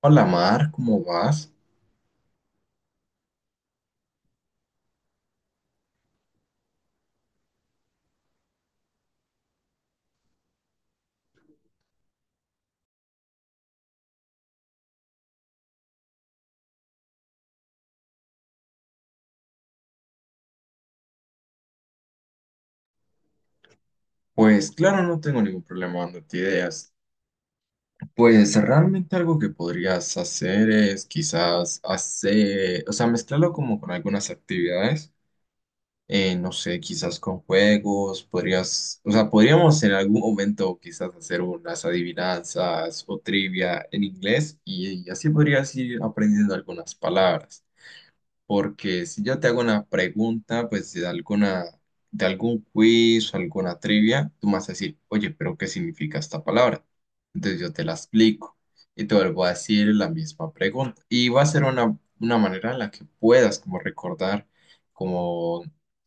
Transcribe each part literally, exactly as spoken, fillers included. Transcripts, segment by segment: Hola Mar, ¿cómo vas? Pues claro, no tengo ningún problema dándote ideas. Pues realmente algo que podrías hacer es quizás hacer, o sea, mezclarlo como con algunas actividades, eh, no sé, quizás con juegos, podrías, o sea, podríamos en algún momento quizás hacer unas adivinanzas o trivia en inglés y, y así podrías ir aprendiendo algunas palabras. Porque si yo te hago una pregunta, pues de alguna, de algún quiz o alguna trivia, tú me vas a decir, oye, pero ¿qué significa esta palabra? Entonces yo te la explico y te vuelvo a decir la misma pregunta. Y va a ser una, una manera en la que puedas como recordar como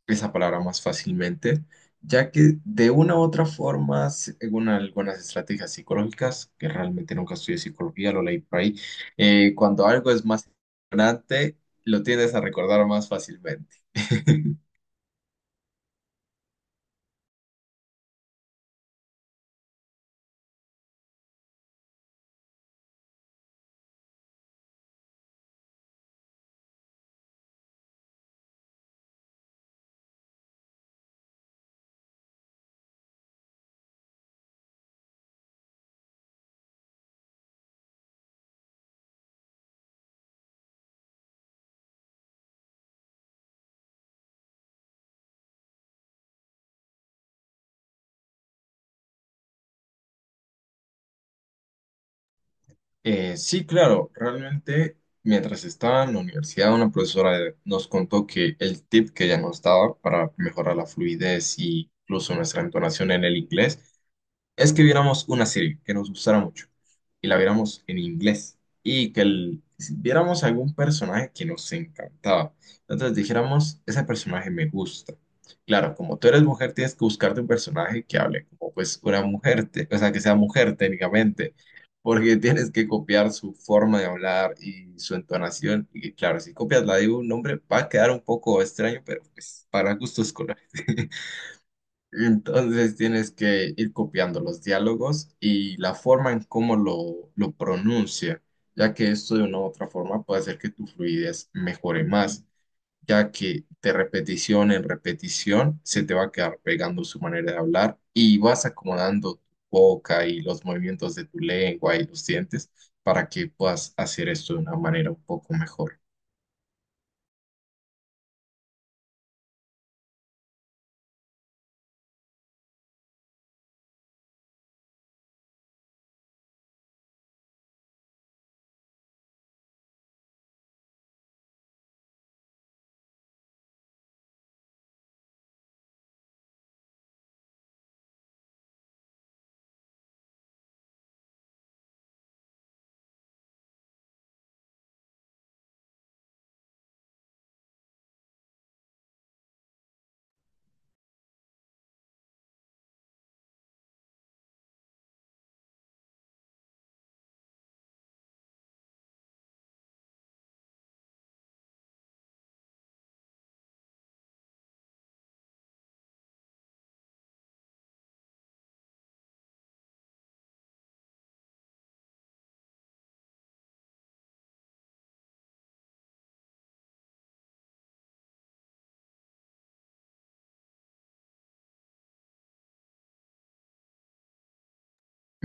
esa palabra más fácilmente, ya que de una u otra forma, según algunas estrategias psicológicas, que realmente nunca estudié psicología, lo leí por ahí, eh, cuando algo es más lo tiendes a recordar más fácilmente. Eh, sí, claro, realmente mientras estaba en la universidad, una profesora de- nos contó que el tip que ella nos daba para mejorar la fluidez y incluso nuestra entonación en el inglés es que viéramos una serie que nos gustara mucho y la viéramos en inglés y que el- si viéramos algún personaje que nos encantaba. Entonces dijéramos, ese personaje me gusta. Claro, como tú eres mujer, tienes que buscarte un personaje que hable como pues una mujer, te- o sea, que sea mujer técnicamente, porque tienes que copiar su forma de hablar y su entonación. Y claro, si copias la de un hombre, va a quedar un poco extraño, pero pues para gustos colores. Entonces tienes que ir copiando los diálogos y la forma en cómo lo, lo pronuncia, ya que esto de una u otra forma puede hacer que tu fluidez mejore más, ya que de repetición en repetición se te va a quedar pegando su manera de hablar y vas acomodando tu boca y los movimientos de tu lengua y los dientes para que puedas hacer esto de una manera un poco mejor.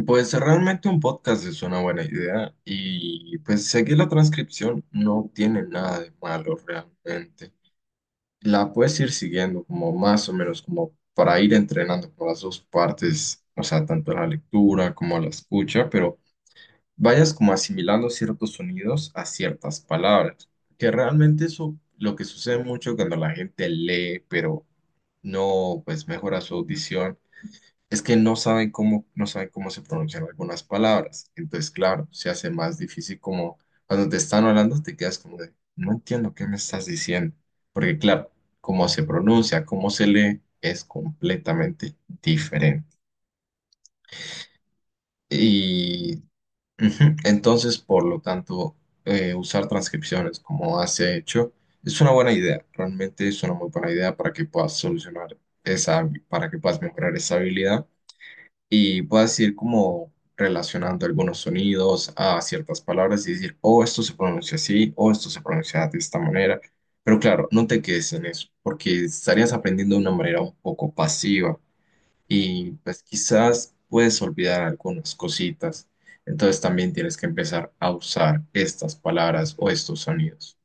Pues realmente un podcast es una buena idea y pues seguir la transcripción no tiene nada de malo realmente. La puedes ir siguiendo como más o menos como para ir entrenando por las dos partes, o sea, tanto la lectura como la escucha, pero vayas como asimilando ciertos sonidos a ciertas palabras, que realmente eso lo que sucede mucho cuando la gente lee, pero no pues mejora su audición es que no saben cómo, no saben cómo se pronuncian algunas palabras. Entonces, claro, se hace más difícil como cuando te están hablando, te quedas como de, no entiendo qué me estás diciendo. Porque, claro, cómo se pronuncia, cómo se lee, es completamente diferente. Y ujú, entonces, por lo tanto, eh, usar transcripciones como has hecho es una buena idea. Realmente es una muy buena idea para que puedas solucionar esa, para que puedas mejorar esa habilidad y puedas ir como relacionando algunos sonidos a ciertas palabras y decir, oh, esto se pronuncia así, o esto se pronuncia de esta manera. Pero claro, no te quedes en eso, porque estarías aprendiendo de una manera un poco pasiva y pues quizás puedes olvidar algunas cositas. Entonces también tienes que empezar a usar estas palabras o estos sonidos.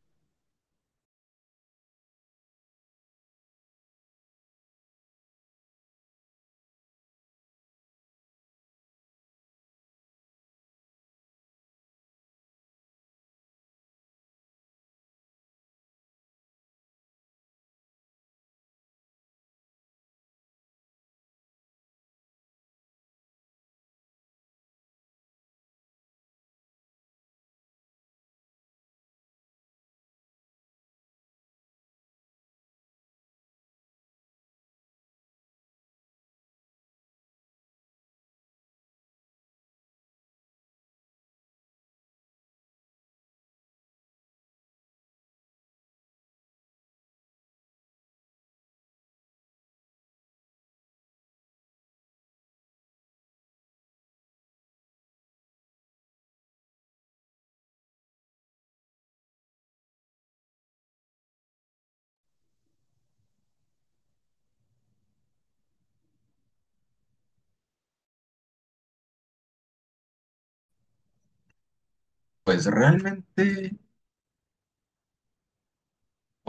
Pues realmente,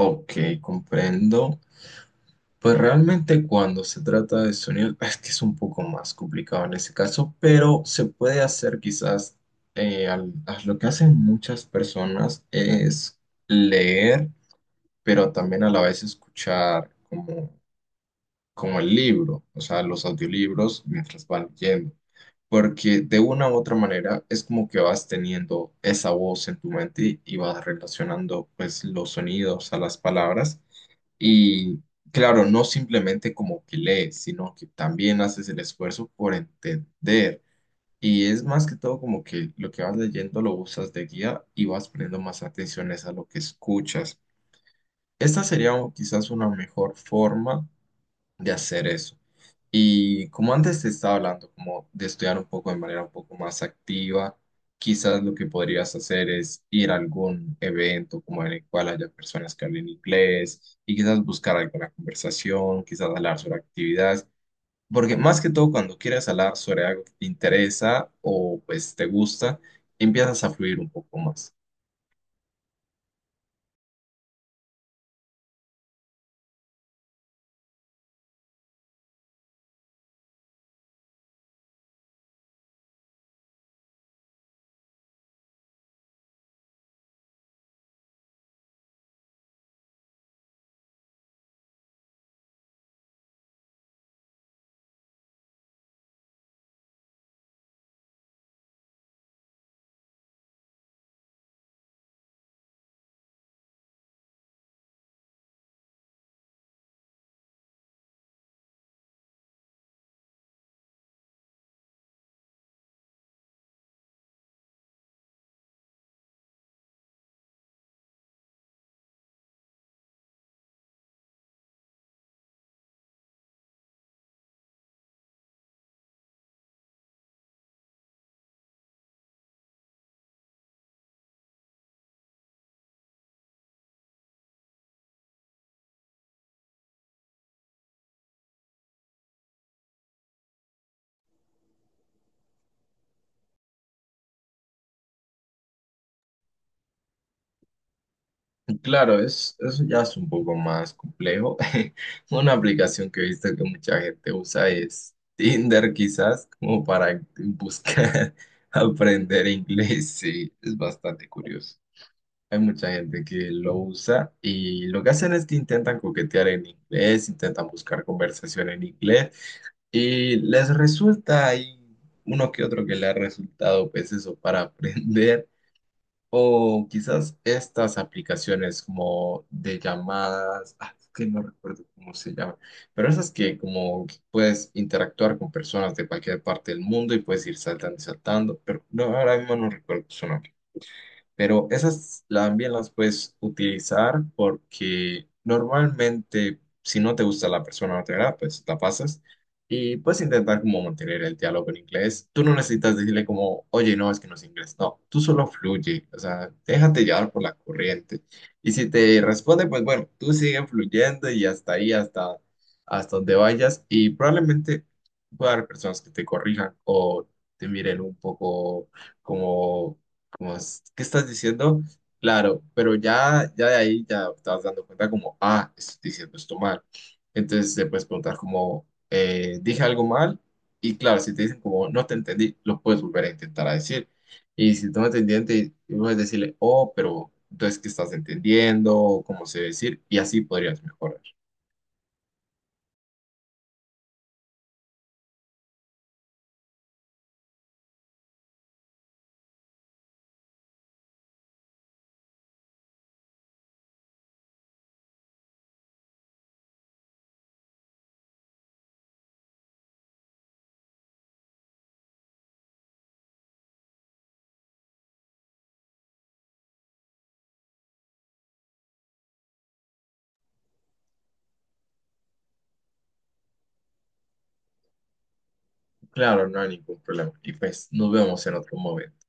ok, comprendo. Pues realmente cuando se trata de sonido, es que es un poco más complicado en ese caso, pero se puede hacer quizás, eh, al- a lo que hacen muchas personas es leer, pero también a la vez escuchar como, como el libro, o sea, los audiolibros mientras van leyendo, porque de una u otra manera es como que vas teniendo esa voz en tu mente y y vas relacionando pues los sonidos a las palabras. Y claro, no simplemente como que lees, sino que también haces el esfuerzo por entender. Y es más que todo como que lo que vas leyendo lo usas de guía y vas poniendo más atenciones a lo que escuchas. Esta sería o- quizás una mejor forma de hacer eso. Y como antes te estaba hablando, como de estudiar un poco de manera un poco más activa, quizás lo que podrías hacer es ir a algún evento como en el cual haya personas que hablen inglés y quizás buscar alguna conversación, quizás hablar sobre actividades, porque más que todo cuando quieres hablar sobre algo que te interesa o pues te gusta, empiezas a fluir un poco más. Claro, es, eso ya es un poco más complejo. Una aplicación que he visto que mucha gente usa es Tinder, quizás, como para buscar aprender inglés. Sí, es bastante curioso. Hay mucha gente que lo usa y lo que hacen es que intentan coquetear en inglés, intentan buscar conversación en inglés y les resulta, hay uno que otro que le ha resultado, pues eso, para aprender. O quizás estas aplicaciones como de llamadas, ah, es que no recuerdo cómo se llama, pero esas que como que puedes interactuar con personas de cualquier parte del mundo y puedes ir saltando y saltando, pero no, ahora mismo no recuerdo su nombre. Pero esas también las puedes utilizar porque normalmente si no te gusta la persona o no te agrada, pues la pasas y puedes intentar como mantener el diálogo en inglés. Tú no necesitas decirle como, oye, no, es que no es inglés. No, tú solo fluye, o sea, déjate llevar por la corriente. Y si te responde, pues bueno, tú sigue fluyendo y hasta ahí, hasta, hasta donde vayas y probablemente pueda haber personas que te corrijan o te miren un poco como como, ¿es? ¿Qué estás diciendo? Claro, pero ya, ya de ahí ya te vas dando cuenta como, ah, estoy diciendo esto mal. Entonces te puedes preguntar como, eh, dije algo mal y claro, si te dicen como, no te entendí, lo puedes volver a intentar a decir. Y si no te entienden, puedes decirle, oh, pero entonces, ¿qué estás entendiendo? O ¿cómo se debe decir? Y así podrías mejorar. Claro, no hay ningún problema. Y pues nos vemos en otro momento.